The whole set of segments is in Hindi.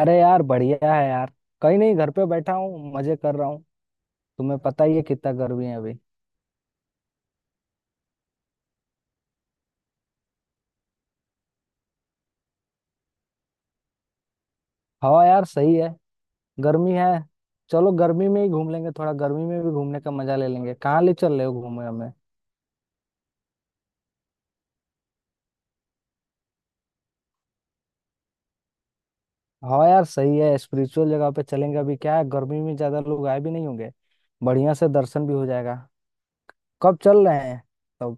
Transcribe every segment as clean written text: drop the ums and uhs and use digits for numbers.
अरे यार, बढ़िया है यार। कहीं नहीं, घर पे बैठा हूँ, मजे कर रहा हूँ। तुम्हें पता ही है कितना गर्मी है अभी। हवा यार सही है। गर्मी है। चलो गर्मी में ही घूम लेंगे, थोड़ा गर्मी में भी घूमने का मजा ले लेंगे। कहाँ ले चल रहे हो घूमने हमें? हवा यार सही है, स्पिरिचुअल जगह पे चलेंगे। अभी क्या है, गर्मी में ज्यादा लोग आए भी नहीं होंगे। बढ़िया से दर्शन भी हो जाएगा। कब चल रहे हैं तब?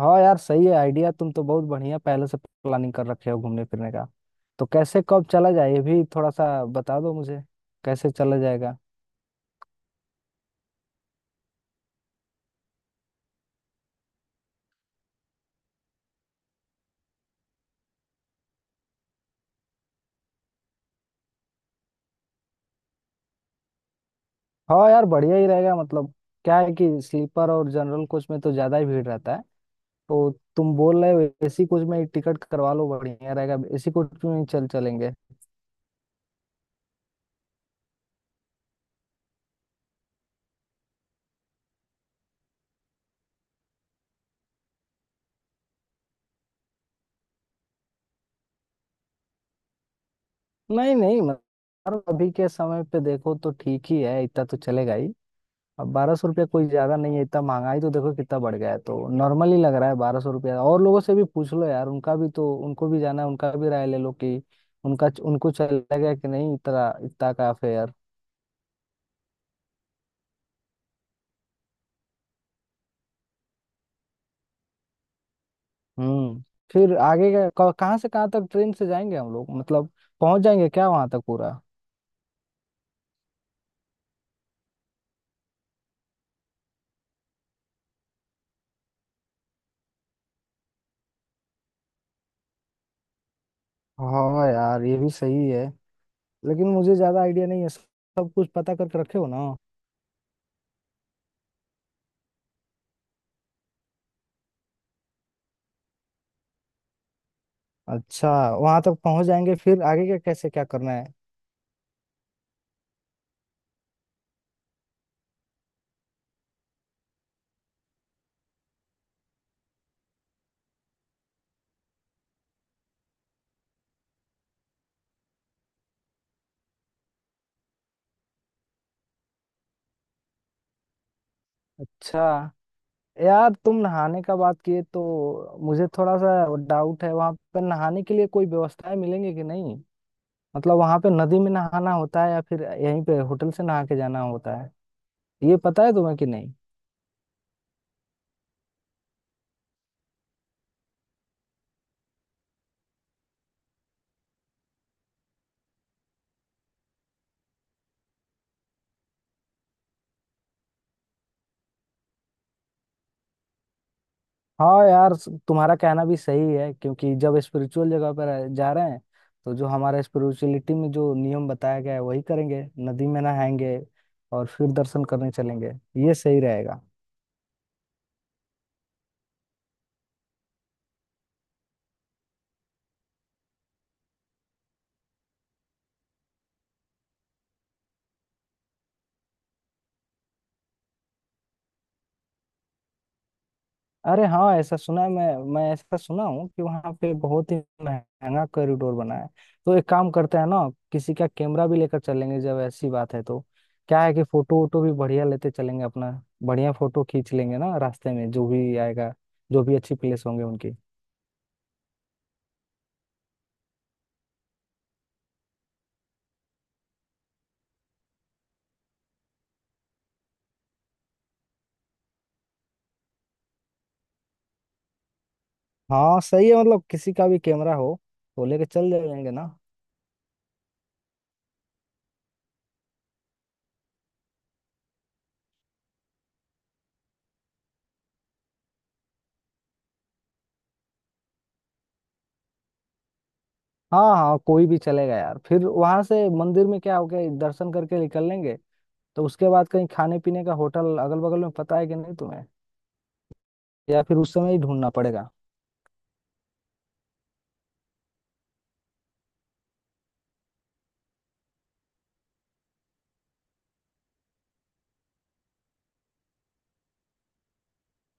हाँ यार सही है आइडिया, तुम तो बहुत बढ़िया पहले से प्लानिंग कर रखे हो घूमने फिरने का। तो कैसे, कब चला जाए, ये भी थोड़ा सा बता दो मुझे, कैसे चला जाएगा। हाँ यार बढ़िया ही रहेगा। मतलब क्या है कि स्लीपर और जनरल कोच में तो ज्यादा ही भीड़ रहता है, तो तुम बोल रहे हो एसी कोच में ही टिकट करवा लो, बढ़िया रहेगा, एसी कोच में ही चल चलेंगे। नहीं नहीं, मतलब यार, अभी के समय पे देखो तो ठीक ही है, इतना तो चलेगा ही। अब 1200 रुपया कोई ज्यादा नहीं है, इतना महंगाई तो देखो कितना बढ़ गया है, तो नॉर्मल ही लग रहा है 1200 रुपया। और लोगों से भी पूछ लो यार, उनका भी तो, उनको भी जाना है, उनको भी राय ले लो कि उनका उनको चलेगा कि नहीं इतना इतना का फेयर। हम्म। फिर आगे का कहाँ से कहाँ तक ट्रेन से जाएंगे हम लोग? मतलब पहुंच जाएंगे क्या वहां तक पूरा? हाँ यार ये भी सही है, लेकिन मुझे ज्यादा आइडिया नहीं है, सब कुछ पता करके रखे हो ना। अच्छा, वहां तक पहुंच जाएंगे, फिर आगे का कैसे क्या करना है? अच्छा यार, तुम नहाने का बात किए तो मुझे थोड़ा सा डाउट है, वहां पर नहाने के लिए कोई व्यवस्थाएं मिलेंगी कि नहीं? मतलब वहां पे नदी में नहाना होता है या फिर यहीं पे होटल से नहा के जाना होता है, ये पता है तुम्हें कि नहीं? हाँ यार, तुम्हारा कहना भी सही है, क्योंकि जब स्पिरिचुअल जगह पर जा रहे हैं तो जो हमारा स्पिरिचुअलिटी में जो नियम बताया गया है वही करेंगे। नदी में नहाएंगे और फिर दर्शन करने चलेंगे, ये सही रहेगा। अरे हाँ, ऐसा सुना है, मैं ऐसा सुना हूँ कि वहाँ पे बहुत ही महंगा कॉरिडोर बना है। तो एक काम करते हैं ना, किसी का कैमरा भी लेकर चलेंगे जब ऐसी बात है तो। क्या है कि फोटो वोटो भी बढ़िया लेते चलेंगे अपना, बढ़िया फोटो खींच लेंगे ना, रास्ते में जो भी आएगा, जो भी अच्छी प्लेस होंगे उनकी। हाँ सही है, मतलब किसी का भी कैमरा हो तो लेके चल जाएंगे ना। हाँ हाँ, कोई भी चलेगा यार। फिर वहां से मंदिर में क्या हो गया, दर्शन करके निकल लेंगे तो उसके बाद कहीं खाने पीने का होटल अगल बगल में पता है कि नहीं तुम्हें, या फिर उस समय ही ढूंढना पड़ेगा?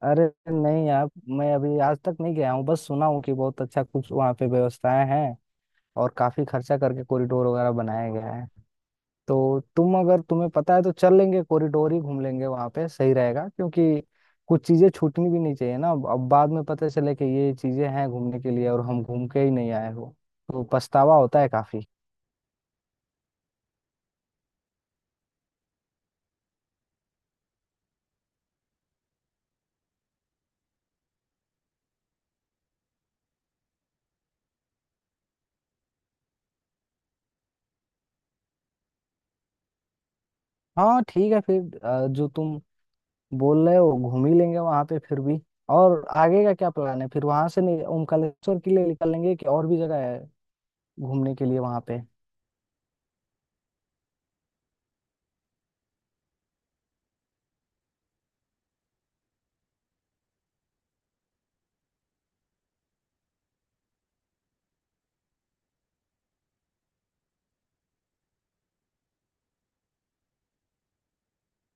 अरे नहीं यार, मैं अभी आज तक नहीं गया हूँ, बस सुना हूँ कि बहुत अच्छा कुछ वहाँ पे व्यवस्थाएं हैं और काफी खर्चा करके कॉरिडोर वगैरह बनाया गया है। तो तुम, अगर तुम्हें पता है तो चल लेंगे, कॉरिडोर ही घूम लेंगे वहां पे, सही रहेगा। क्योंकि कुछ चीजें छूटनी भी नहीं चाहिए ना। अब बाद में पता चले कि ये चीजें हैं घूमने के लिए और हम घूम के ही नहीं आए हो, तो पछतावा होता है काफी। हाँ ठीक है, फिर जो तुम बोल रहे हो घूम ही लेंगे वहां पे फिर भी। और आगे का क्या प्लान है, फिर वहां से नहीं ओमकालेश्वर के लिए निकल लेंगे कि और भी जगह है घूमने के लिए वहां पे?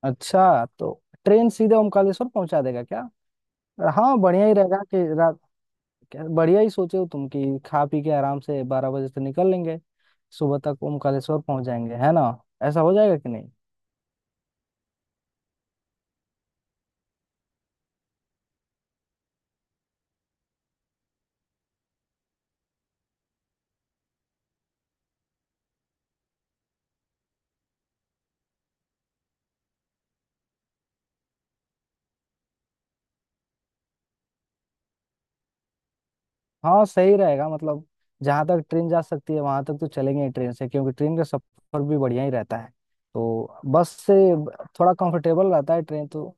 अच्छा, तो ट्रेन सीधे ओमकालेश्वर पहुंचा देगा क्या? हाँ बढ़िया ही रहेगा कि क्या बढ़िया ही सोचे हो तुम, कि खा पी के आराम से 12 बजे से निकल लेंगे, सुबह तक ओमकालेश्वर पहुंच जाएंगे, है ना? ऐसा हो जाएगा कि नहीं? हाँ सही रहेगा, मतलब जहां तक ट्रेन जा सकती है वहां तक तो चलेंगे ही ट्रेन से, क्योंकि ट्रेन का सफर भी बढ़िया ही रहता है। तो बस से थोड़ा कंफर्टेबल रहता है ट्रेन तो।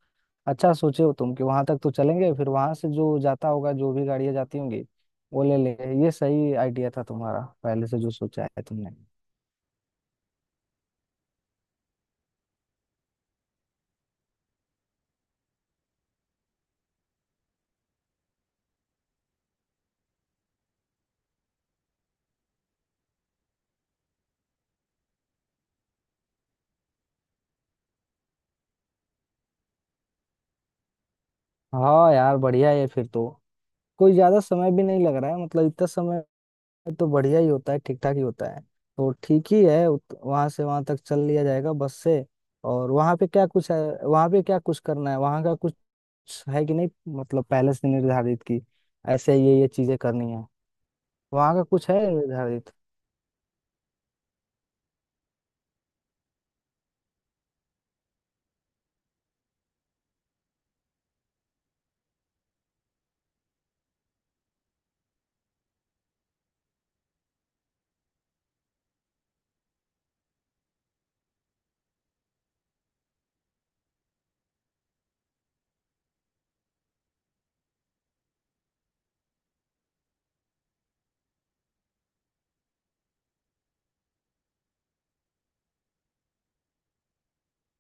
अच्छा सोचे हो तुम कि वहां तक तो चलेंगे, फिर वहां से जो जाता होगा, जो भी गाड़ियां जाती होंगी वो ले लेंगे। ये सही आइडिया था तुम्हारा पहले से जो सोचा है तुमने। हाँ यार बढ़िया है फिर तो। कोई ज्यादा समय भी नहीं लग रहा है, मतलब इतना समय तो बढ़िया ही होता है, ठीक ठाक ही होता है। तो ठीक ही है, वहाँ से वहाँ तक चल लिया जाएगा बस से। और वहाँ पे क्या कुछ है? वहाँ पे क्या कुछ करना है, वहाँ का कुछ है कि नहीं? मतलब पहले से निर्धारित की ऐसे ये चीजें करनी है, वहाँ का कुछ है निर्धारित?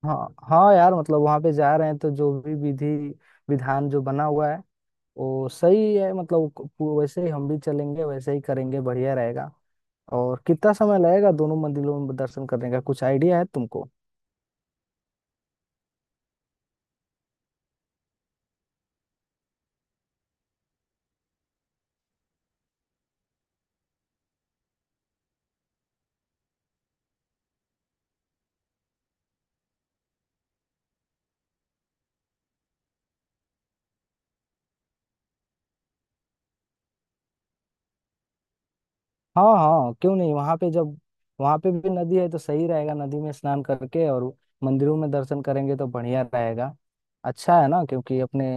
हाँ हाँ यार, मतलब वहाँ पे जा रहे हैं तो जो भी विधि विधान जो बना हुआ है वो सही है। मतलब वो- वैसे ही हम भी चलेंगे, वैसे ही करेंगे, बढ़िया रहेगा। और कितना समय लगेगा दोनों मंदिरों में दर्शन करने का, कुछ आइडिया है तुमको? हाँ हाँ, क्यों नहीं। वहां पे जब वहां पे भी नदी है तो सही रहेगा, नदी में स्नान करके और मंदिरों में दर्शन करेंगे तो बढ़िया रहेगा। अच्छा है ना, क्योंकि अपने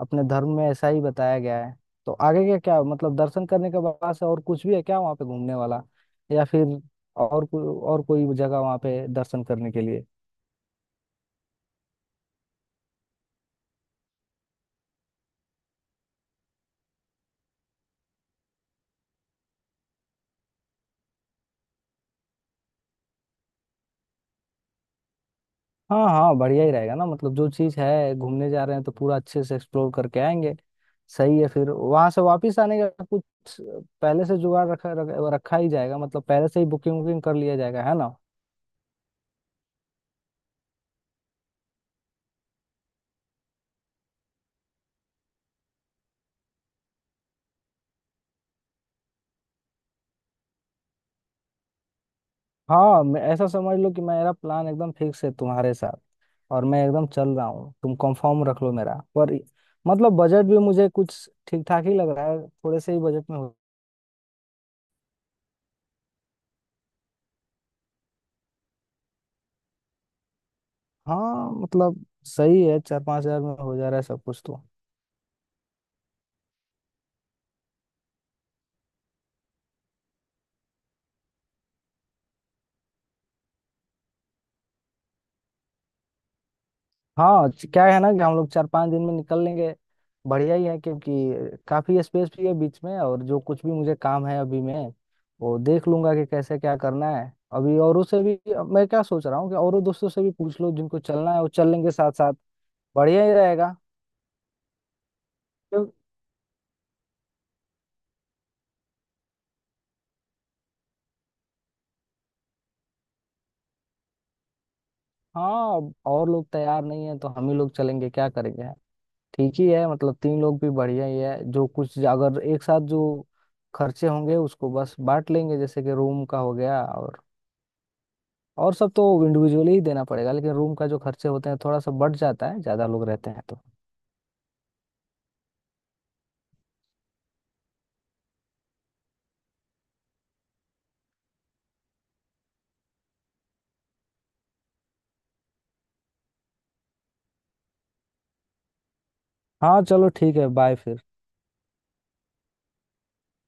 अपने धर्म में ऐसा ही बताया गया है। तो आगे क्या क्या, मतलब दर्शन करने के बाद से और कुछ भी है क्या वहाँ पे घूमने वाला, या फिर और कोई और कोई जगह वहाँ पे दर्शन करने के लिए? हाँ हाँ, बढ़िया ही रहेगा ना। मतलब जो चीज़ है, घूमने जा रहे हैं तो पूरा अच्छे से एक्सप्लोर करके आएंगे। सही है। फिर वहां से वापस आने का कुछ पहले से जुगाड़ रखा ही जाएगा, मतलब पहले से ही बुकिंग वुकिंग कर लिया जाएगा, है ना? हाँ, मैं, ऐसा समझ लो कि मेरा प्लान एकदम फिक्स है तुम्हारे साथ, और मैं एकदम चल रहा हूँ, तुम कंफर्म रख लो मेरा पर। मतलब बजट भी मुझे कुछ ठीक ठाक ही लग रहा है, थोड़े से ही बजट में हो। हाँ मतलब सही है, 4-5 हज़ार में हो जा रहा है सब कुछ तो। हाँ, क्या है ना कि हम लोग 4-5 दिन में निकल लेंगे, बढ़िया ही है। क्योंकि काफी स्पेस भी है बीच में, और जो कुछ भी मुझे काम है अभी, मैं वो देख लूंगा कि कैसे क्या करना है। अभी औरों से भी, अब मैं क्या सोच रहा हूँ कि औरों दोस्तों से भी पूछ लो, जिनको चलना है वो चल लेंगे साथ साथ, बढ़िया ही रहेगा। क्यों- हाँ, अब और लोग तैयार नहीं है तो हम ही लोग चलेंगे, क्या करेंगे। ठीक ही है, मतलब तीन लोग भी बढ़िया ही है। जो कुछ अगर एक साथ जो खर्चे होंगे उसको बस बांट लेंगे, जैसे कि रूम का हो गया। और सब तो इंडिविजुअली ही देना पड़ेगा, लेकिन रूम का जो खर्चे होते हैं, थोड़ा सा बढ़ जाता है ज्यादा लोग रहते हैं तो। हाँ चलो ठीक है, बाय फिर।